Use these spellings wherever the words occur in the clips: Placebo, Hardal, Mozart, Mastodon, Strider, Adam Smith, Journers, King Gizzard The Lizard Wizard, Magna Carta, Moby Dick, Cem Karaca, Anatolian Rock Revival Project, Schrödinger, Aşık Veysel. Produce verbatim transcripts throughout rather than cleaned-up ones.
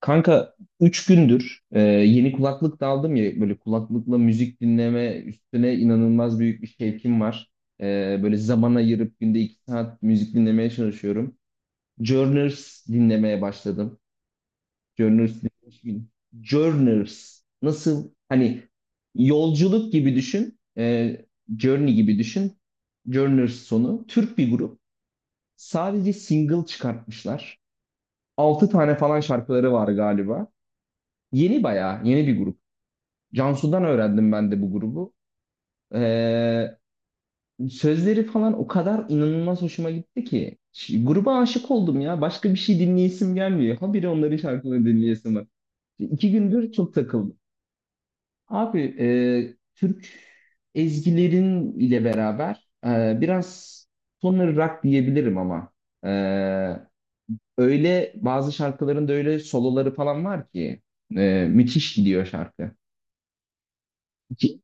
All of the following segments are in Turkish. Kanka üç gündür e, yeni kulaklık da aldım ya, böyle kulaklıkla müzik dinleme üstüne inanılmaz büyük bir şevkim var. E, böyle zaman ayırıp günde iki saat müzik dinlemeye çalışıyorum. Journers dinlemeye başladım. Journers dinlemiş miyim? Journers nasıl, hani yolculuk gibi düşün. E, journey gibi düşün. Journers sonu. Türk bir grup. Sadece single çıkartmışlar. Altı tane falan şarkıları var galiba. Yeni, bayağı yeni bir grup. Cansu'dan öğrendim ben de bu grubu. Ee, Sözleri falan o kadar inanılmaz hoşuma gitti ki. Ş- Gruba aşık oldum ya. Başka bir şey dinleyesim gelmiyor. Habire onların şarkılarını dinleyesim var. İki gündür çok takıldım. Abi e, Türk ezgilerin ile beraber e, biraz sonları rock diyebilirim ama e, öyle bazı şarkıların da öyle soloları falan var ki e, müthiş gidiyor şarkı. Ki-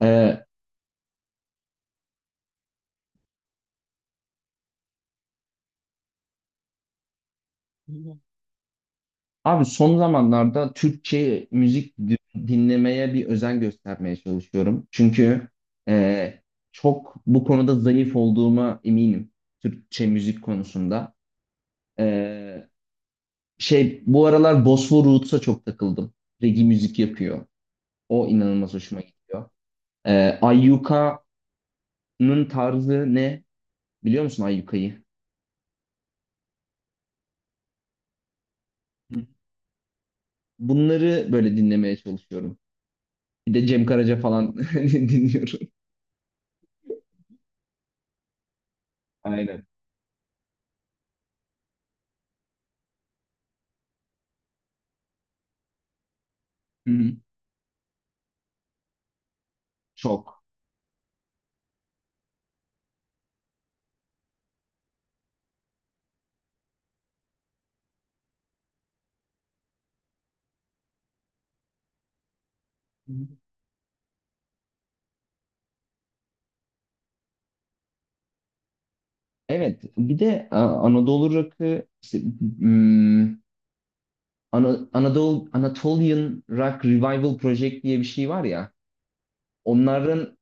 E, Abi son zamanlarda Türkçe müzik di- dinlemeye bir özen göstermeye çalışıyorum. Çünkü e, çok bu konuda zayıf olduğuma eminim, Türkçe müzik konusunda. E, Şey, bu aralar Bosfor Roots'a çok takıldım. Reggae müzik yapıyor. O inanılmaz hoşuma gidiyor. E, Ayyuka'nın tarzı ne? Biliyor musun Ayyuka'yı? Bunları böyle dinlemeye çalışıyorum. Bir de Cem Karaca falan dinliyorum. Aynen. Hı hı. Çok. Evet, bir de a, Anadolu rock'ı işte, hmm, Ana- Anadolu Anatolian Rock Revival Project diye bir şey var ya. Onların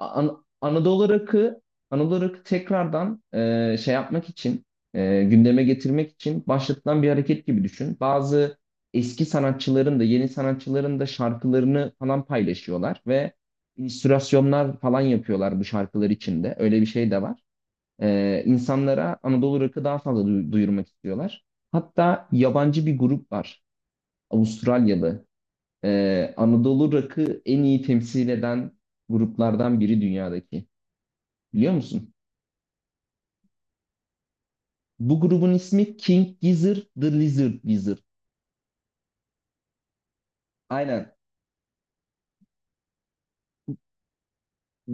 An- Anadolu rock'ı Anadolu rock'ı tekrardan e, şey yapmak için e, gündeme getirmek için başlatılan bir hareket gibi düşün. Bazı eski sanatçıların da yeni sanatçıların da şarkılarını falan paylaşıyorlar ve illüstrasyonlar falan yapıyorlar bu şarkılar içinde. Öyle bir şey de var. Ee, insanlara Anadolu rock'ı daha fazla duy- duyurmak istiyorlar. Hatta yabancı bir grup var. Avustralyalı. Ee, Anadolu rock'ı en iyi temsil eden gruplardan biri dünyadaki. Biliyor musun? Bu grubun ismi King Gizzard The Lizard Wizard. Aynen.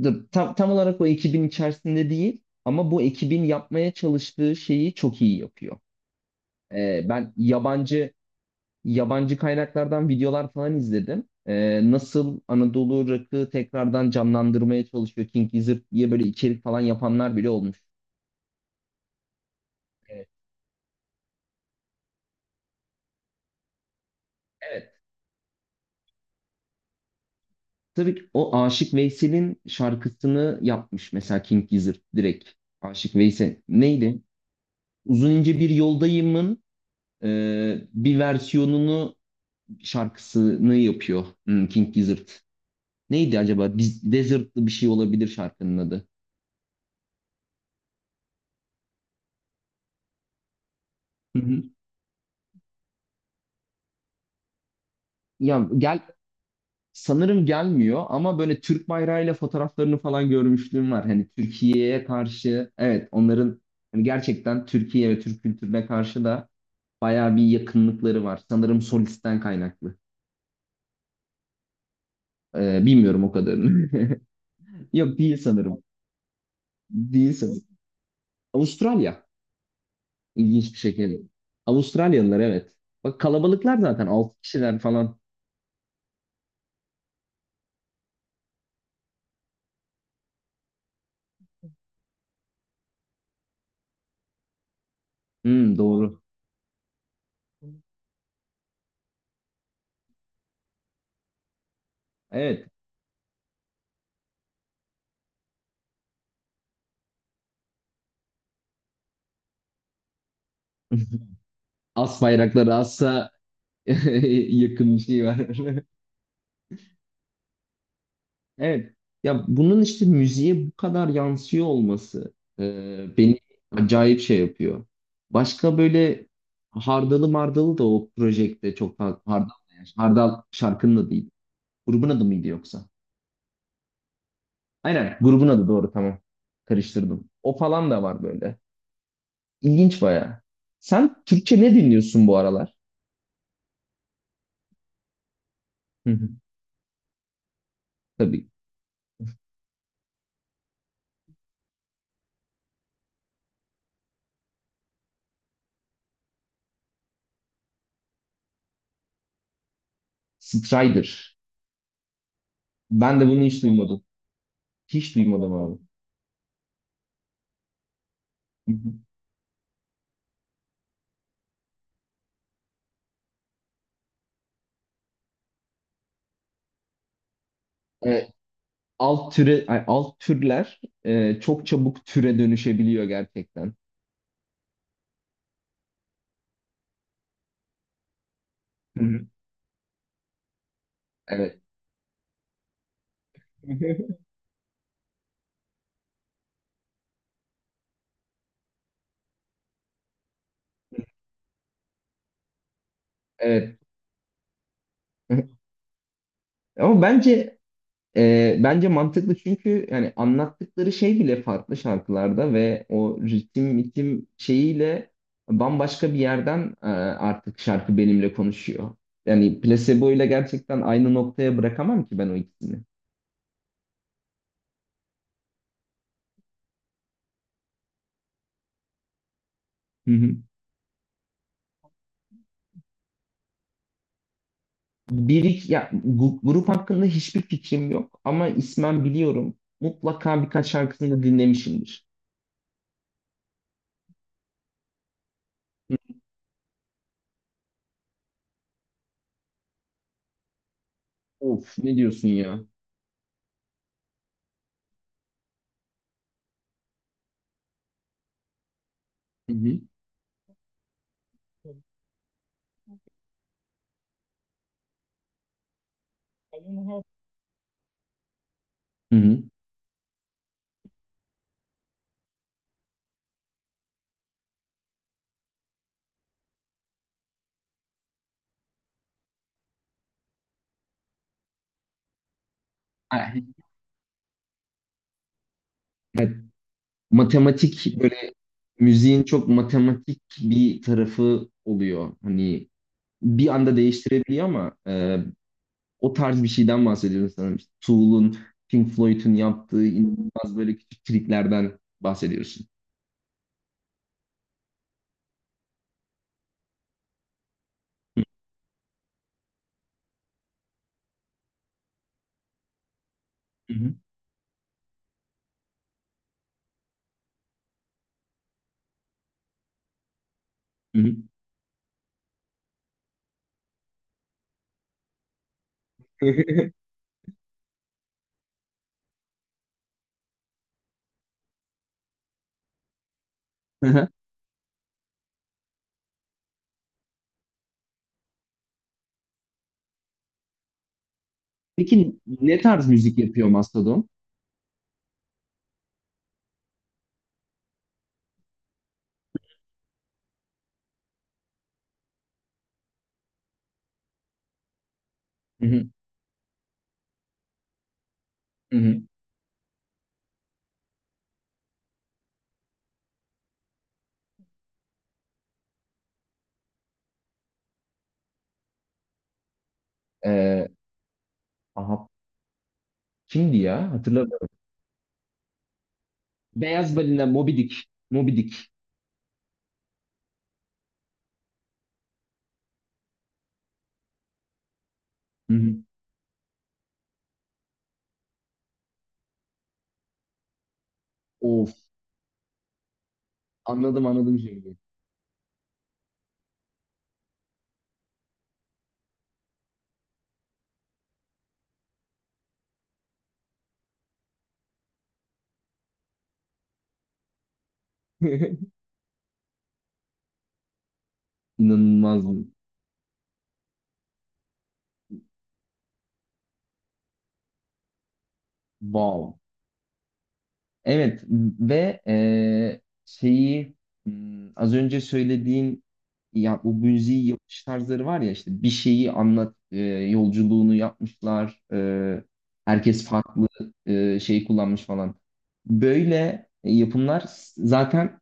Dur, Tam, tam olarak o ekibin içerisinde değil ama bu ekibin yapmaya çalıştığı şeyi çok iyi yapıyor. Ee, ben yabancı yabancı kaynaklardan videolar falan izledim. Ee, nasıl Anadolu rock'ı tekrardan canlandırmaya çalışıyor King Gizzard diye böyle içerik falan yapanlar bile olmuş. Evet. Evet. Tabii ki o Aşık Veysel'in şarkısını yapmış mesela King Gizzard direkt. Aşık Veysel. Neydi? Uzun ince bir Yoldayım'ın e, bir versiyonunu şarkısını yapıyor, hmm, King Gizzard. Neydi acaba? Biz, Desert'lı bir şey olabilir şarkının adı. Hı hı. Ya gel Sanırım gelmiyor ama böyle Türk bayrağıyla fotoğraflarını falan görmüşlüğüm var. Hani Türkiye'ye karşı, evet, onların hani gerçekten Türkiye ve Türk kültürüne karşı da bayağı bir yakınlıkları var. Sanırım solisten kaynaklı. Ee, bilmiyorum o kadarını. Yok, değil sanırım. Değil sanırım. Avustralya. İlginç bir şekilde. Avustralyalılar, evet. Bak kalabalıklar zaten, altı kişiler falan. Hmm, doğru. Evet. As bayrakları assa yakın bir şey var. Evet. Ya bunun işte müziğe bu kadar yansıyor olması e, beni acayip şey yapıyor. Başka böyle Hardalı Mardalı da o projekte çok fazla, Hardal, da ya, Hardal şarkının adı değil. Grubun adı mıydı yoksa? Aynen, grubun adı, doğru, tamam. Karıştırdım. O falan da var böyle. İlginç baya. Sen Türkçe ne dinliyorsun bu aralar? Hı hı. Tabii. Strider. Ben de bunu hiç duymadım. Hiç duymadım abi. Hı hı. Alt türe ay, alt türler e, çok çabuk türe dönüşebiliyor gerçekten. Hı hı. Evet. Evet. Ama bence e, bence mantıklı, çünkü yani anlattıkları şey bile farklı şarkılarda ve o ritim ritim şeyiyle bambaşka bir yerden e, artık şarkı benimle konuşuyor. Yani Placebo ile gerçekten aynı noktaya bırakamam ki ben o ikisini. Bir iki, ya, gu- grup hakkında hiçbir fikrim yok ama ismen biliyorum. Mutlaka birkaç şarkısını da dinlemişimdir. Hı. Of, ne diyorsun ya? Hı hı. Hı hı. Ha, evet. Matematik, böyle müziğin çok matematik bir tarafı oluyor. Hani bir anda değiştirebiliyor ama e, o tarz bir şeyden bahsediyorum sanırım. İşte Tool'un, Pink Floyd'un yaptığı inanılmaz böyle küçük triklerden bahsediyorsun. Hı hı. Hı hı. Peki ne tarz müzik yapıyor Mastodon? Hı hı, hı hı. Ee, aha, kimdi ya? Hatırlamıyorum. Beyaz Balina, Moby Dick. Moby Dick. Hı hı. Of, anladım, anladım şimdi. İnanılmaz. Wow. Evet ve eee, şeyi, hmm, az önce söylediğin, ya bu müziği yapış tarzları var ya, işte bir şeyi anlat, eee, yolculuğunu yapmışlar, eee, herkes farklı eee, şey kullanmış falan. Böyle e, yapımlar zaten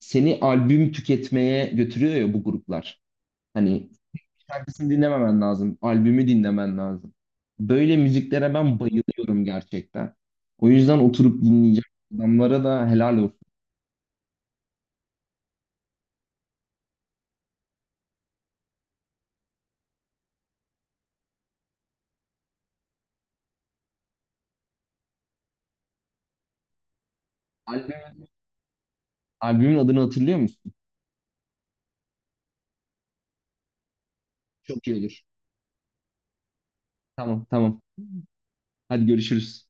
seni albüm tüketmeye götürüyor ya bu gruplar. Hani şarkısını dinlememen lazım. Albümü dinlemen lazım. Böyle müziklere ben bayılıyorum gerçekten. O yüzden oturup dinleyeceğim. Adamlara da helal olsun. Albüm, Albümün adını hatırlıyor musun? Çok iyi olur. Tamam, tamam. Hadi görüşürüz.